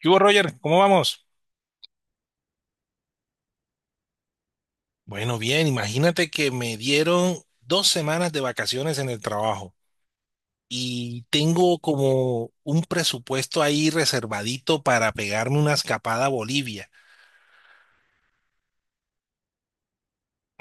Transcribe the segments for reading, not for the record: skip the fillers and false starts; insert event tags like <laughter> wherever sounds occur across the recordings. ¿Qué hubo, Roger? ¿Cómo vamos? Bueno, bien, imagínate que me dieron dos semanas de vacaciones en el trabajo y tengo como un presupuesto ahí reservadito para pegarme una escapada a Bolivia.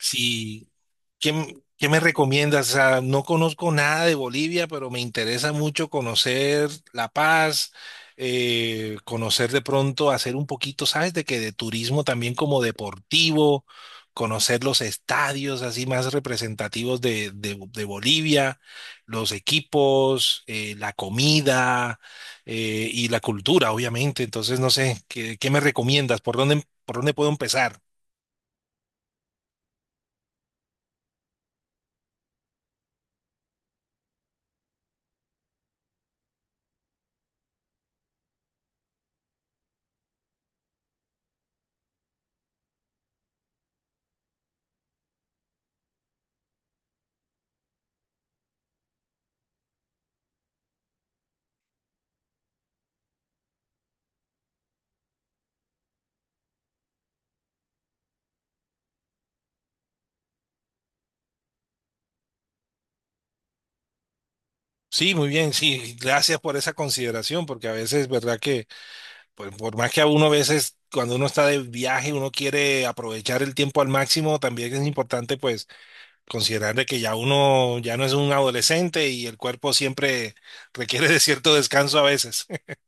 Si ¿Qué me recomiendas? O sea, no conozco nada de Bolivia, pero me interesa mucho conocer La Paz, conocer de pronto, hacer un poquito, ¿sabes? De que de turismo también como deportivo, conocer los estadios así más representativos de Bolivia, los equipos, la comida, y la cultura, obviamente. Entonces, no sé, ¿qué me recomiendas? ¿Por dónde puedo empezar? Sí, muy bien, sí, gracias por esa consideración, porque a veces, verdad que, pues, por más que a uno a veces, cuando uno está de viaje, uno quiere aprovechar el tiempo al máximo, también es importante, pues, considerar de que ya uno ya no es un adolescente y el cuerpo siempre requiere de cierto descanso a veces. <laughs>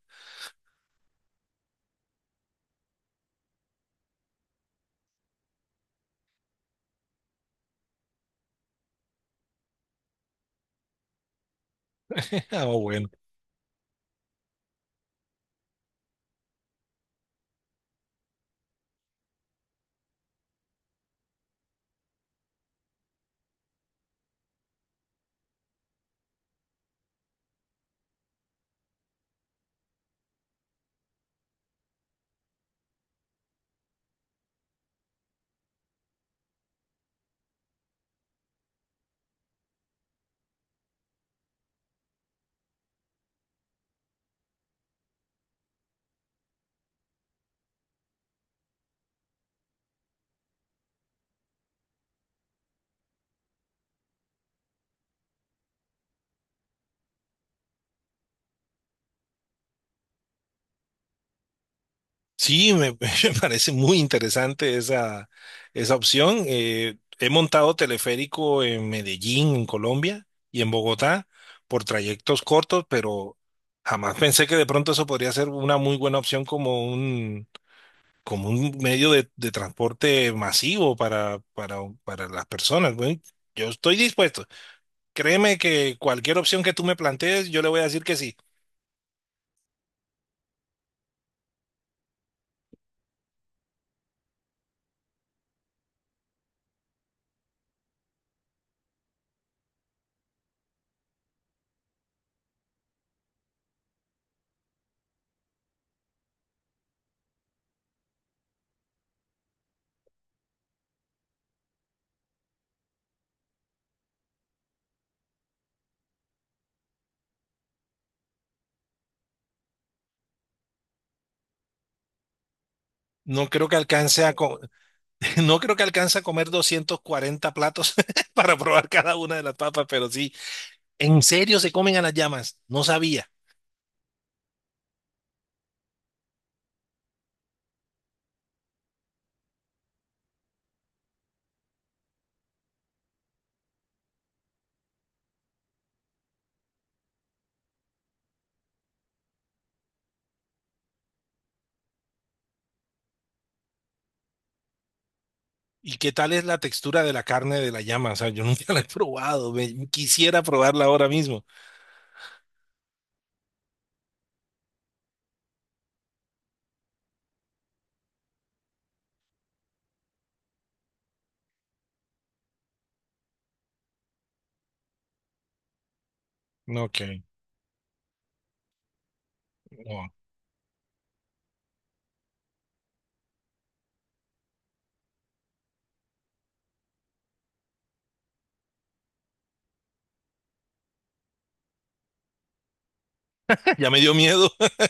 Ah, bueno. Sí, <laughs> me parece muy interesante esa opción. He montado teleférico en Medellín, en Colombia, y en Bogotá por trayectos cortos, pero jamás pensé que de pronto eso podría ser una muy buena opción como un medio de transporte masivo para las personas. Bueno, yo estoy dispuesto. Créeme que cualquier opción que tú me plantees, yo le voy a decir que sí. No creo que alcance a, co- <laughs> No creo que alcance a comer 240 platos <laughs> para probar cada una de las papas, pero sí, en serio se comen a las llamas, no sabía. ¿Y qué tal es la textura de la carne de la llama? O sea, yo <laughs> nunca la he probado, quisiera probarla ahora mismo. No, ok, no, <laughs> ya me dio miedo. <laughs>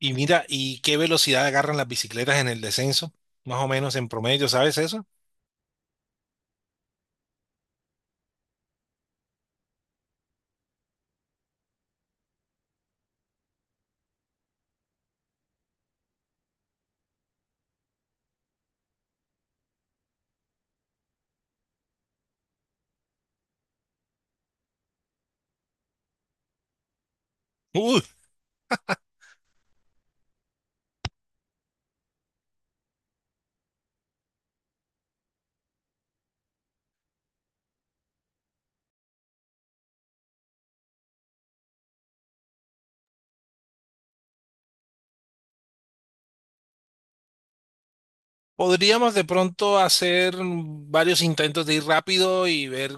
Y mira, ¿y qué velocidad agarran las bicicletas en el descenso? Más o menos en promedio, ¿sabes eso? Uy. Podríamos de pronto hacer varios intentos de ir rápido y ver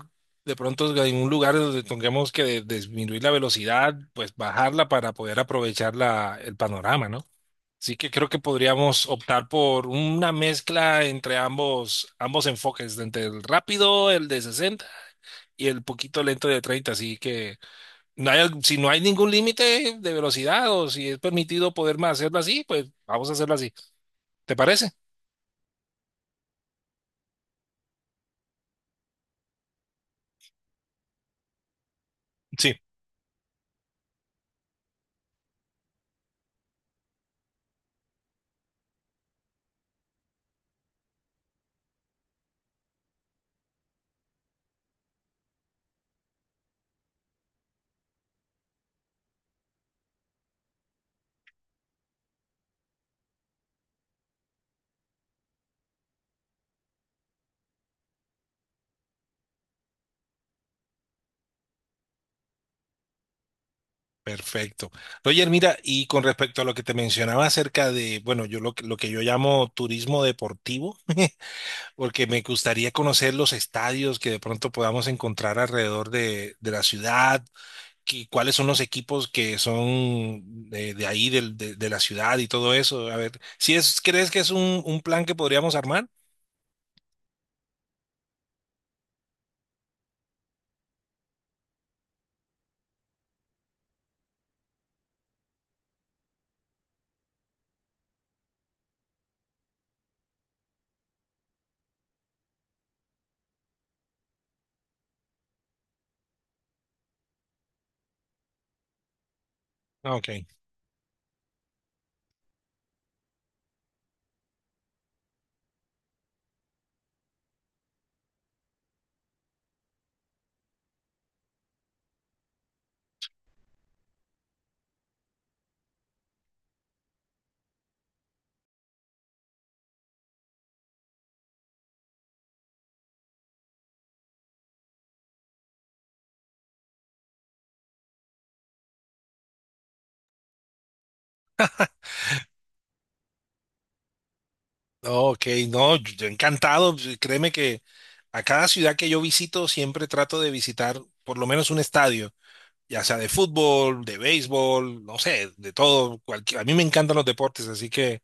de pronto en un lugar donde tengamos que disminuir la velocidad, pues bajarla para poder aprovechar el panorama, ¿no? Así que creo que podríamos optar por una mezcla entre ambos enfoques, entre el rápido, el de 60, y el poquito lento de 30. Así que si no hay ningún límite de velocidad o si es permitido poder más hacerlo así, pues vamos a hacerlo así. ¿Te parece? Sí. Perfecto. Roger, mira, y con respecto a lo que te mencionaba acerca de, bueno, lo que yo llamo turismo deportivo, <laughs> porque me gustaría conocer los estadios que de pronto podamos encontrar alrededor de la ciudad, y cuáles son los equipos que son de ahí, del- de la ciudad y todo eso. A ver, si es, ¿crees que es un plan que podríamos armar? Ah, ok. No, ok, no, yo encantado. Créeme que a cada ciudad que yo visito siempre trato de visitar por lo menos un estadio. Ya sea de fútbol, de béisbol, no sé, de todo. A mí me encantan los deportes, así que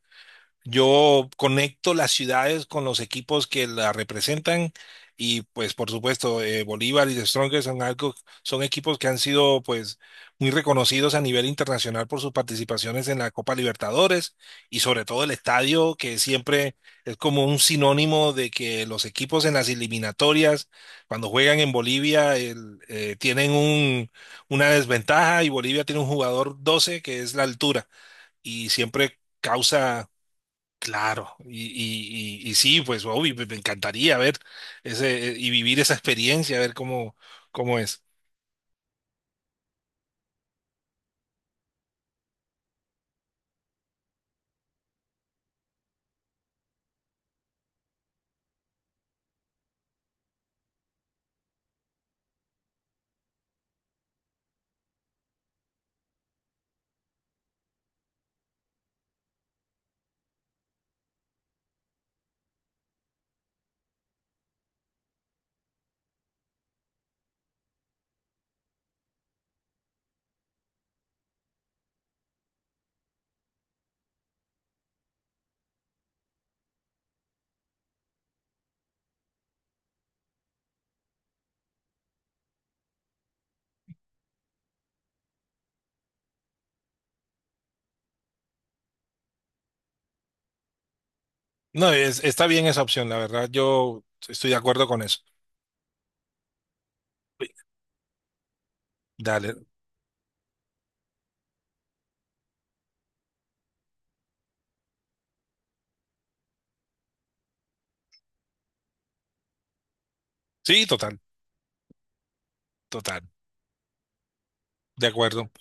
yo conecto las ciudades con los equipos que la representan, y pues por supuesto Bolívar y The Strongest son algo, son equipos que han sido, pues, muy reconocidos a nivel internacional por sus participaciones en la Copa Libertadores, y sobre todo el estadio que siempre es como un sinónimo de que los equipos en las eliminatorias cuando juegan en Bolivia tienen una desventaja, y Bolivia tiene un jugador 12 que es la altura y siempre causa. Claro, y sí, pues obvio, me encantaría ver ese. Y vivir esa experiencia, ver cómo es. No, está bien esa opción, la verdad, yo estoy de acuerdo con eso. Dale, sí, total, total, de acuerdo.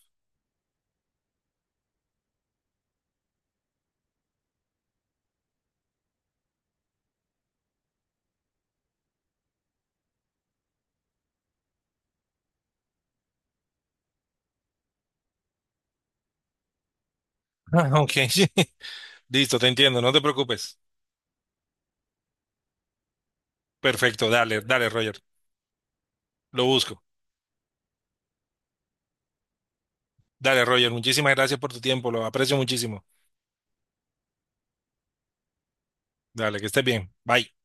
Ah, ok, <laughs> sí. Listo, te entiendo, no te preocupes. Perfecto, dale, Roger, lo busco. Dale, Roger, muchísimas gracias por tu tiempo, lo aprecio muchísimo. Dale, que estés bien, bye.